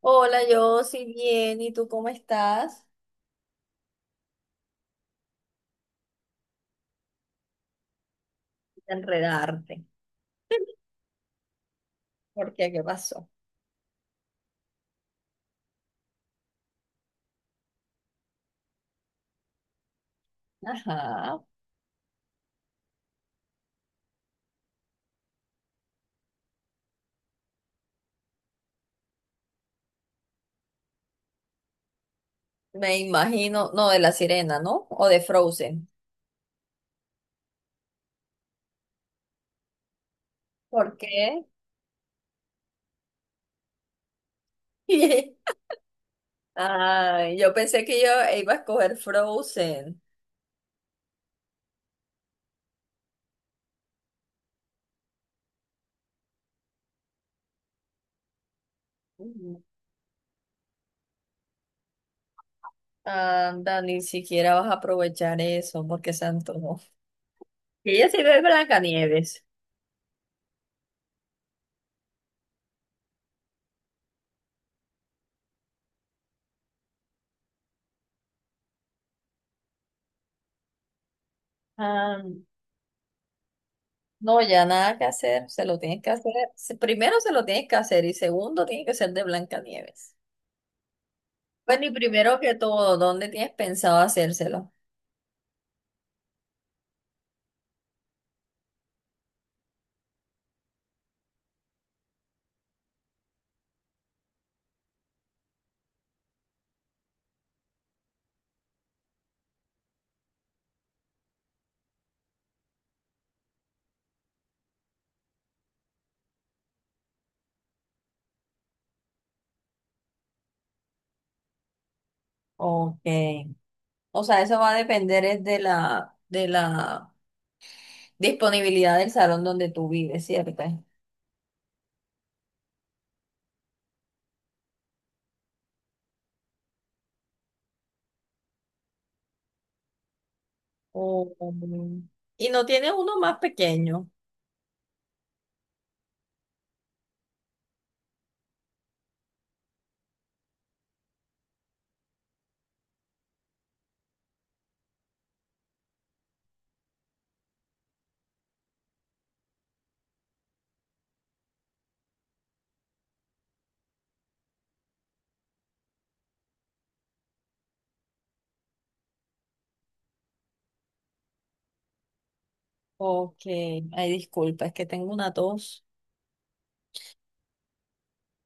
Hola, yo sí bien, ¿y tú cómo estás? De enredarte. ¿Por qué? ¿Qué pasó? Ajá, me imagino, no, de La Sirena, ¿no? O de Frozen. ¿Por qué? Ay, yo pensé que yo iba a escoger Frozen. Ujú. Anda, ni siquiera vas a aprovechar eso, porque se antojó. Y ella sí ve Blancanieves. Ah, no, ya nada que hacer, se lo tienes que hacer. Primero se lo tienes que hacer y segundo tiene que ser de Blancanieves. Bueno, y primero que todo, ¿dónde tienes pensado hacérselo? Ok. O sea, eso va a depender es de la disponibilidad del salón donde tú vives, ¿cierto? Oh, y no tienes uno más pequeño. Ok. Ay, disculpa, es que tengo una tos.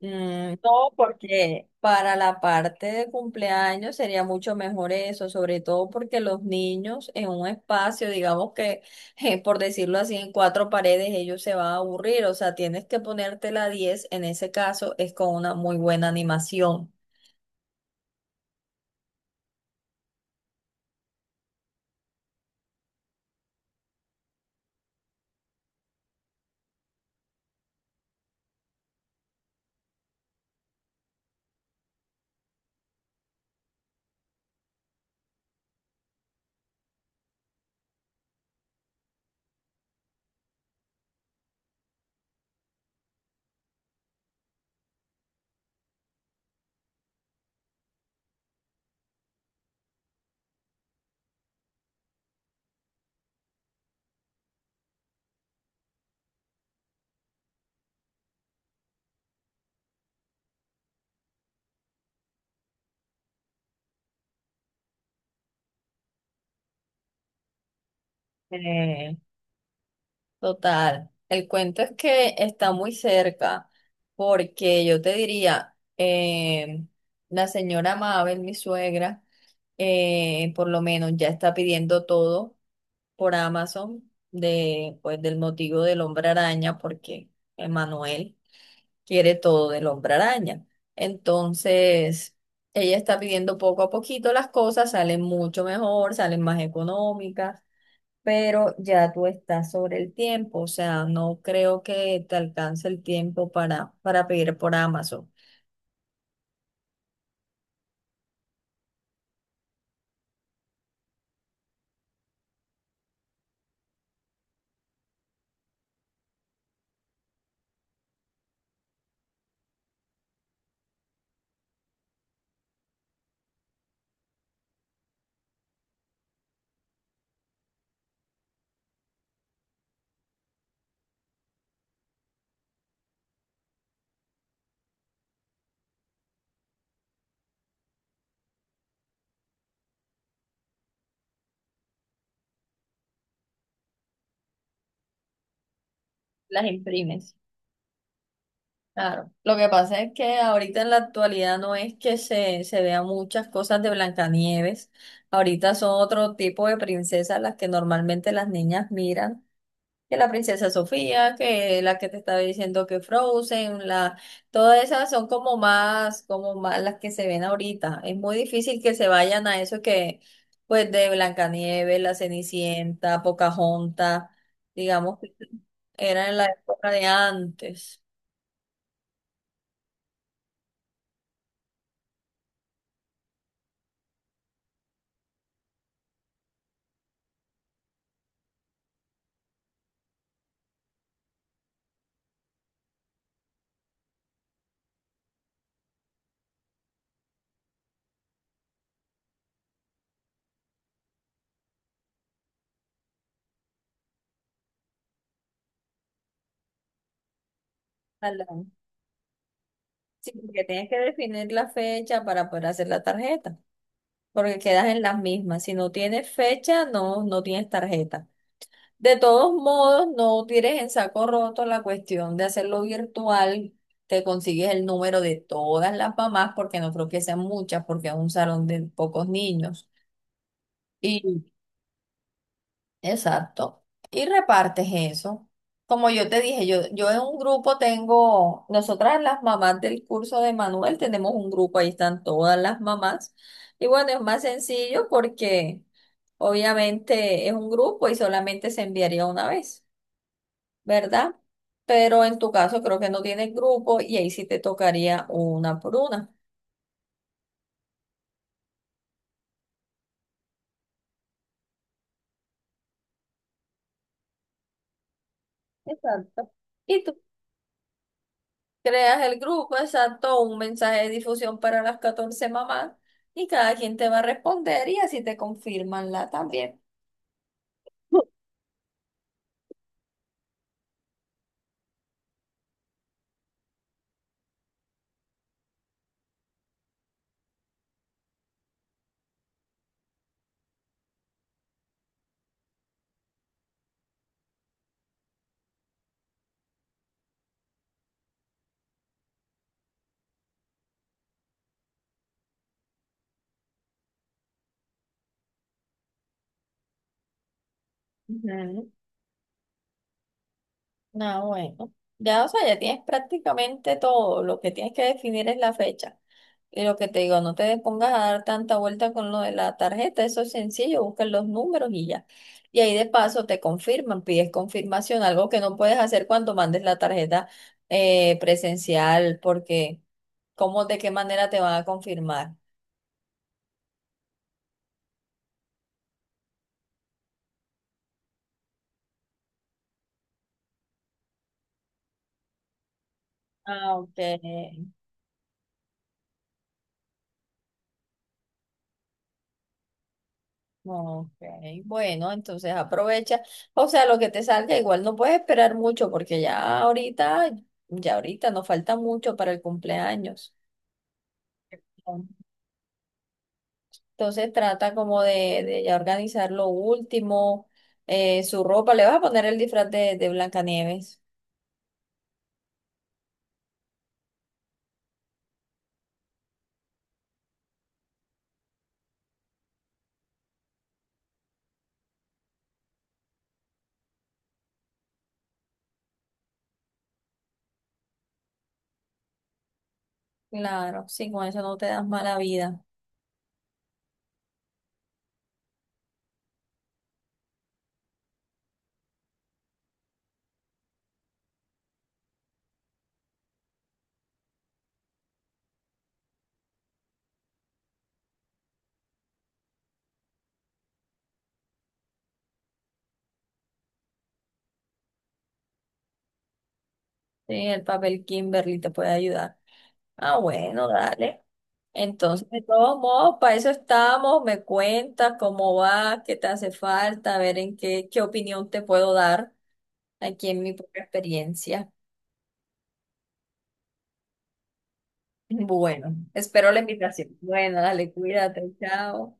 Mm, no, porque para la parte de cumpleaños sería mucho mejor eso, sobre todo porque los niños en un espacio, digamos que, por decirlo así, en cuatro paredes, ellos se van a aburrir, o sea, tienes que ponerte la 10. En ese caso es con una muy buena animación. Eh, Total. El cuento es que está muy cerca, porque yo te diría, la señora Mabel, mi suegra, por lo menos ya está pidiendo todo por Amazon de, pues, del motivo del hombre araña, porque Emanuel quiere todo del hombre araña. Entonces, ella está pidiendo poco a poquito las cosas, salen mucho mejor, salen más económicas, pero ya tú estás sobre el tiempo, o sea, no creo que te alcance el tiempo para pedir por Amazon. Las imprimes. Claro, lo que pasa es que ahorita en la actualidad no es que se vean muchas cosas de Blancanieves, ahorita son otro tipo de princesas las que normalmente las niñas miran, que la princesa Sofía, que la que te estaba diciendo que Frozen, la, todas esas son como más las que se ven ahorita, es muy difícil que se vayan a eso que, pues de Blancanieves, la Cenicienta, Pocahontas, digamos que eran en la época de antes. Sí, porque tienes que definir la fecha para poder hacer la tarjeta, porque quedas en las mismas. Si no tienes fecha, no, no tienes tarjeta. De todos modos, no tires en saco roto la cuestión de hacerlo virtual. Te consigues el número de todas las mamás, porque no creo que sean muchas, porque es un salón de pocos niños. Exacto. Y repartes eso. Como yo te dije, yo en un grupo tengo, nosotras las mamás del curso de Manuel tenemos un grupo, ahí están todas las mamás. Y bueno, es más sencillo porque obviamente es un grupo y solamente se enviaría una vez, ¿verdad? Pero en tu caso creo que no tienes grupo y ahí sí te tocaría una por una. Exacto. Y tú creas el grupo, exacto, un mensaje de difusión para las 14 mamás y cada quien te va a responder y así te confirman la también. Ujú. Ah, bueno. Ya, o sea, ya tienes prácticamente todo. Lo que tienes que definir es la fecha. Y lo que te digo, no te pongas a dar tanta vuelta con lo de la tarjeta, eso es sencillo, buscan los números y ya. Y ahí de paso te confirman, pides confirmación, algo que no puedes hacer cuando mandes la tarjeta presencial, porque ¿cómo, de qué manera te van a confirmar? Ah, ok, ok. Bueno, entonces aprovecha. O sea, lo que te salga, igual no puedes esperar mucho, porque ya ahorita nos falta mucho para el cumpleaños. Entonces trata como de ya organizar lo último, su ropa. Le vas a poner el disfraz de Blancanieves. Claro, sí, con eso no te das mala vida. Sí, el papel Kimberly te puede ayudar. Ah, bueno, dale. Entonces, de todos modos, para eso estamos. Me cuentas cómo va, qué te hace falta, a ver en qué, qué opinión te puedo dar aquí en mi propia experiencia. Bueno, espero la invitación. Bueno, dale, cuídate, chao.